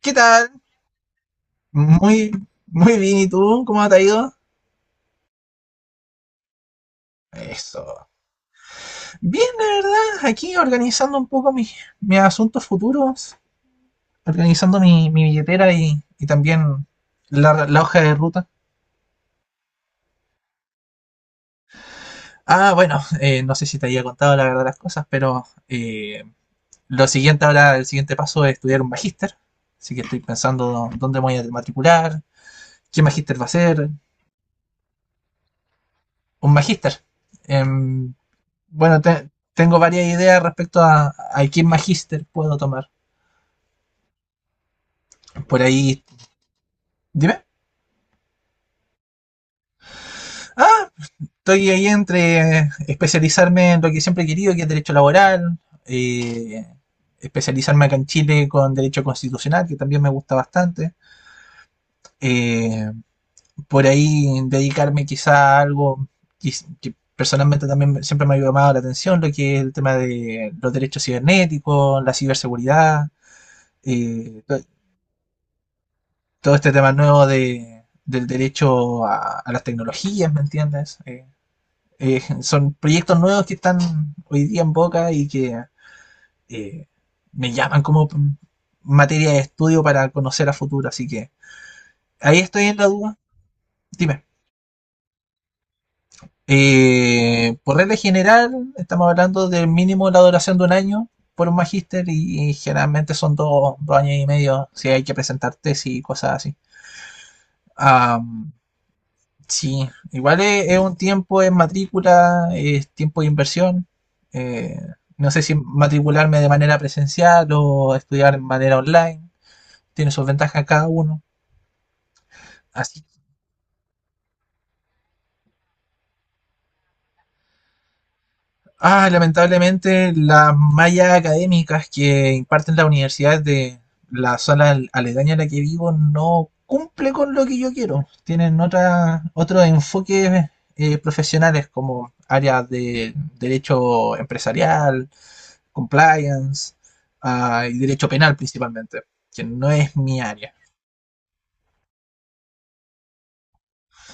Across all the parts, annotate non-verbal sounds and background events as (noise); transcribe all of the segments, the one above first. ¿Qué tal? Muy, muy bien. ¿Y tú? ¿Cómo te ha ido? Eso. Bien, la verdad, aquí organizando un poco mis asuntos futuros, organizando mi billetera y también la hoja de ruta. Ah, bueno, no sé si te había contado la verdad las cosas, pero lo siguiente ahora, el siguiente paso es estudiar un magíster. Así que estoy pensando dónde me voy a matricular, qué magíster va a ser, un magíster. Em, Bueno, tengo varias ideas respecto a qué magíster puedo tomar. Por ahí, dime. Ah, estoy ahí entre especializarme en lo que siempre he querido, que es derecho laboral, eh, especializarme acá en Chile con derecho constitucional, que también me gusta bastante. Eh, por ahí dedicarme quizá a algo que, que personalmente también siempre me ha llamado la atención, lo que es el tema de los derechos cibernéticos, la ciberseguridad eh, todo este tema nuevo del derecho a las tecnologías, ¿me entiendes? Son proyectos nuevos que están hoy día en boca y que eh, me llaman como materia de estudio para conocer a futuro, así que ahí estoy en la duda. Dime. Por regla general, estamos hablando del mínimo la duración de un año por un magíster y generalmente son dos años y medio si hay que presentar tesis y cosas así. Am, Sí, igual es un tiempo en matrícula, es tiempo de inversión. eh, no sé si matricularme de manera presencial o estudiar de manera online. Tiene sus ventajas cada uno. Así. Ah, lamentablemente las mallas académicas que imparten las universidades de la zona aledaña a la que vivo no cumple con lo que yo quiero. Tienen otros enfoques profesionales como áreas de derecho empresarial, compliance, y derecho penal principalmente, que no es mi área.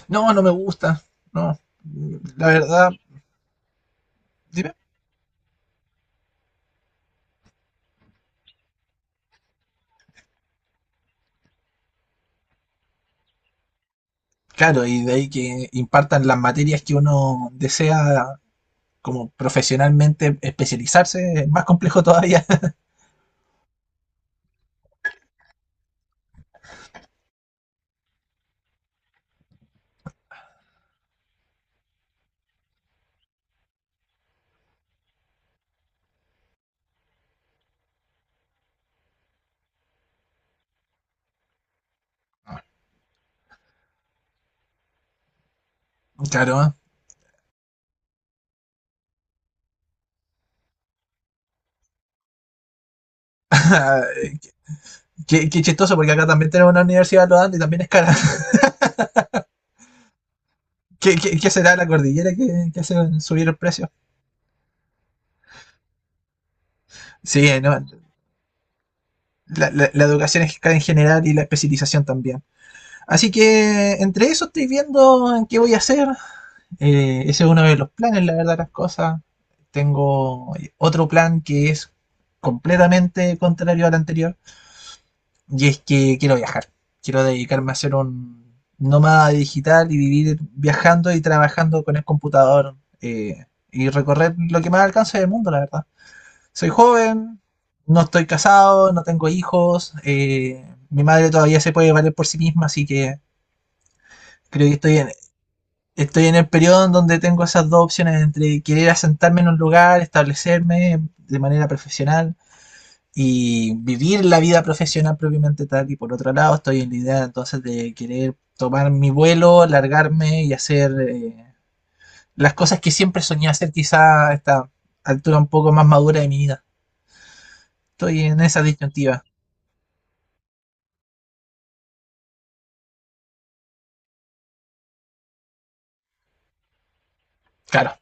No, no me gusta, no. La verdad, dime. Claro, y de ahí que impartan las materias que uno desea como profesionalmente especializarse, es más complejo todavía. (laughs) Claro, (laughs) chistoso, porque acá también tenemos una universidad lo dando y también es cara. (laughs) ¿Qué será la cordillera hace subir el precio? Sí, no, la educación es cara en general y la especialización también. Así que entre eso estoy viendo en qué voy a hacer. Ese es uno de los planes, la verdad, las cosas. Tengo otro plan que es completamente contrario al anterior. Y es que quiero viajar. Quiero dedicarme a ser un nómada digital y vivir viajando y trabajando con el computador. Y recorrer lo que más alcance del mundo, la verdad. Soy joven, no estoy casado, no tengo hijos. Mi madre todavía se puede valer por sí misma, así que creo que estoy en el periodo en donde tengo esas dos opciones entre querer asentarme en un lugar, establecerme de manera profesional y vivir la vida profesional propiamente tal. Y por otro lado, estoy en la idea entonces de querer tomar mi vuelo, largarme y hacer las cosas que siempre soñé hacer quizá a esta altura un poco más madura de mi vida. Estoy en esa disyuntiva. Claro.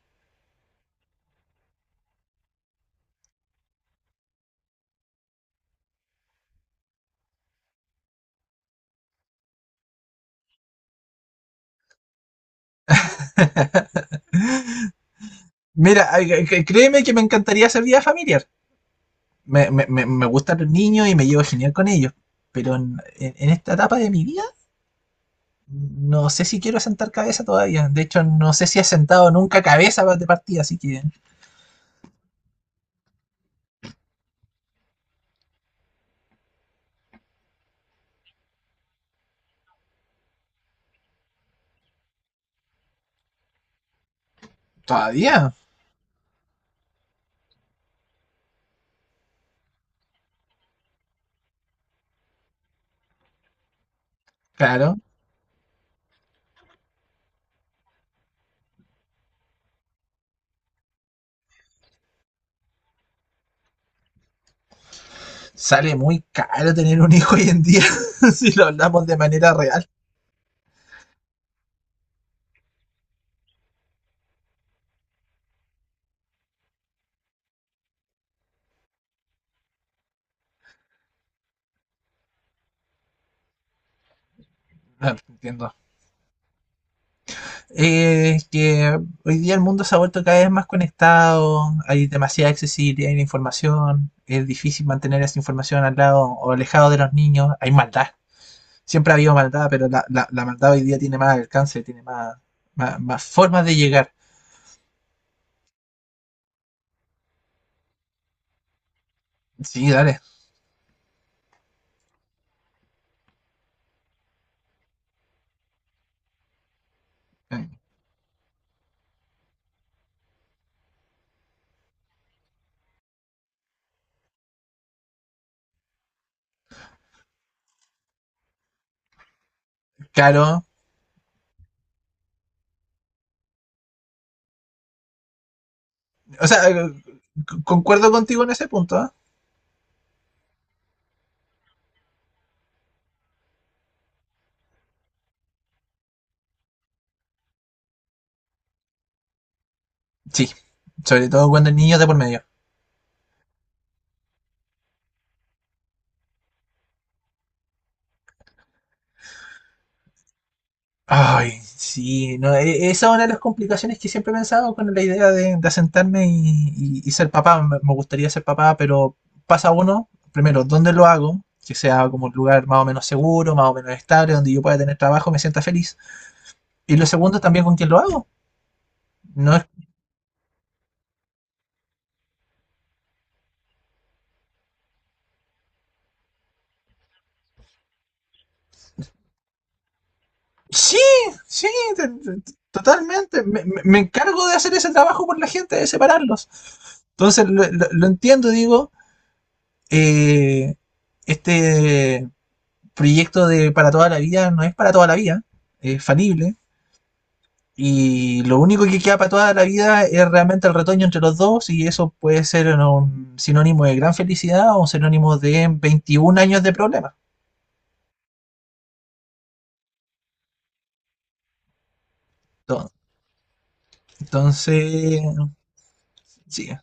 Mira, créeme que me encantaría hacer vida familiar. Me gustan los niños y me llevo genial con ellos. Pero en esta etapa de mi vida no sé si quiero sentar cabeza todavía. De hecho, no sé si he sentado nunca cabeza de partida, así que todavía, claro. Sale muy caro tener un hijo hoy en día, (laughs) si lo hablamos de manera real. No, entiendo. Que hoy día el mundo se ha vuelto cada vez más conectado, hay demasiada accesibilidad en la información, es difícil mantener esa información al lado o alejado de los niños, hay maldad. Siempre ha habido maldad, pero la maldad hoy día tiene más alcance, tiene más formas de llegar. Sí, dale. Claro. O sea, concuerdo contigo en ese punto. ¿Ah? Sí. Sobre todo cuando el niño de por medio. Ay, sí. No, esa es una de las complicaciones que siempre he pensado con la idea de asentarme y ser papá. Me gustaría ser papá, pero pasa uno, primero, ¿dónde lo hago? Que sea como un lugar más o menos seguro, más o menos estable, donde yo pueda tener trabajo, me sienta feliz. Y lo segundo, también con quién lo hago. No. Sí, sí, totalmente. Me encargo de hacer ese trabajo por la gente, de separarlos. Entonces lo entiendo, digo, eh, este proyecto de para toda la vida no es para toda la vida, es falible. Y lo único que queda para toda la vida es realmente el retoño entre los dos y eso puede ser un sinónimo de gran felicidad o un sinónimo de 21 años de problemas. Entonces, sí.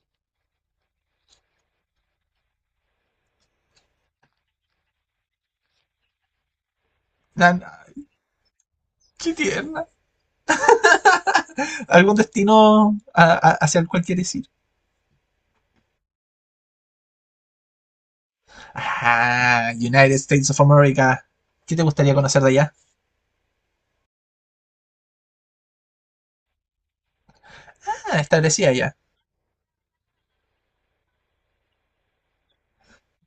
Na- na- Qué tierno. Algún destino hacia el cual quieres ir. Ah, United States of America. ¿Qué te gustaría conocer de allá? Ah, establecida allá.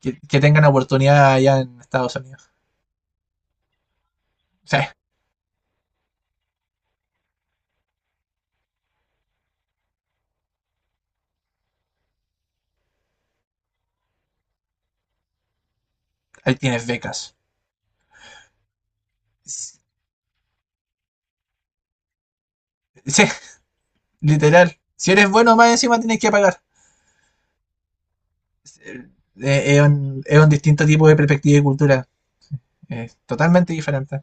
Que tengan oportunidad allá en Estados Unidos. Sí, ahí tienes becas. Sí, sí, literal. Si eres bueno, más encima tienes que pagar. Eh, Es es un distinto tipo de perspectiva y cultura. Es totalmente diferente.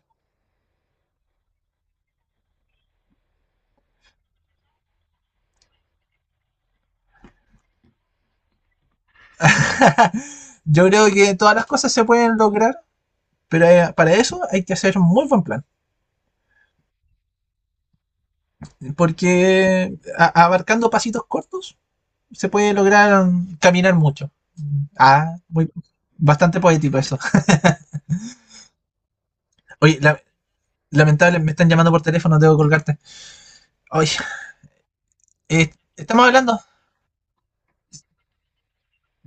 (laughs) Yo creo que todas las cosas se pueden lograr, pero para eso hay que hacer un muy buen plan. Porque abarcando pasitos cortos se puede lograr caminar mucho. Ah, muy, bastante poético eso. Oye, lamentable, me están llamando por teléfono, debo colgarte. Oye, eh, estamos hablando.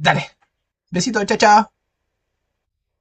Dale, besito, chao, chao.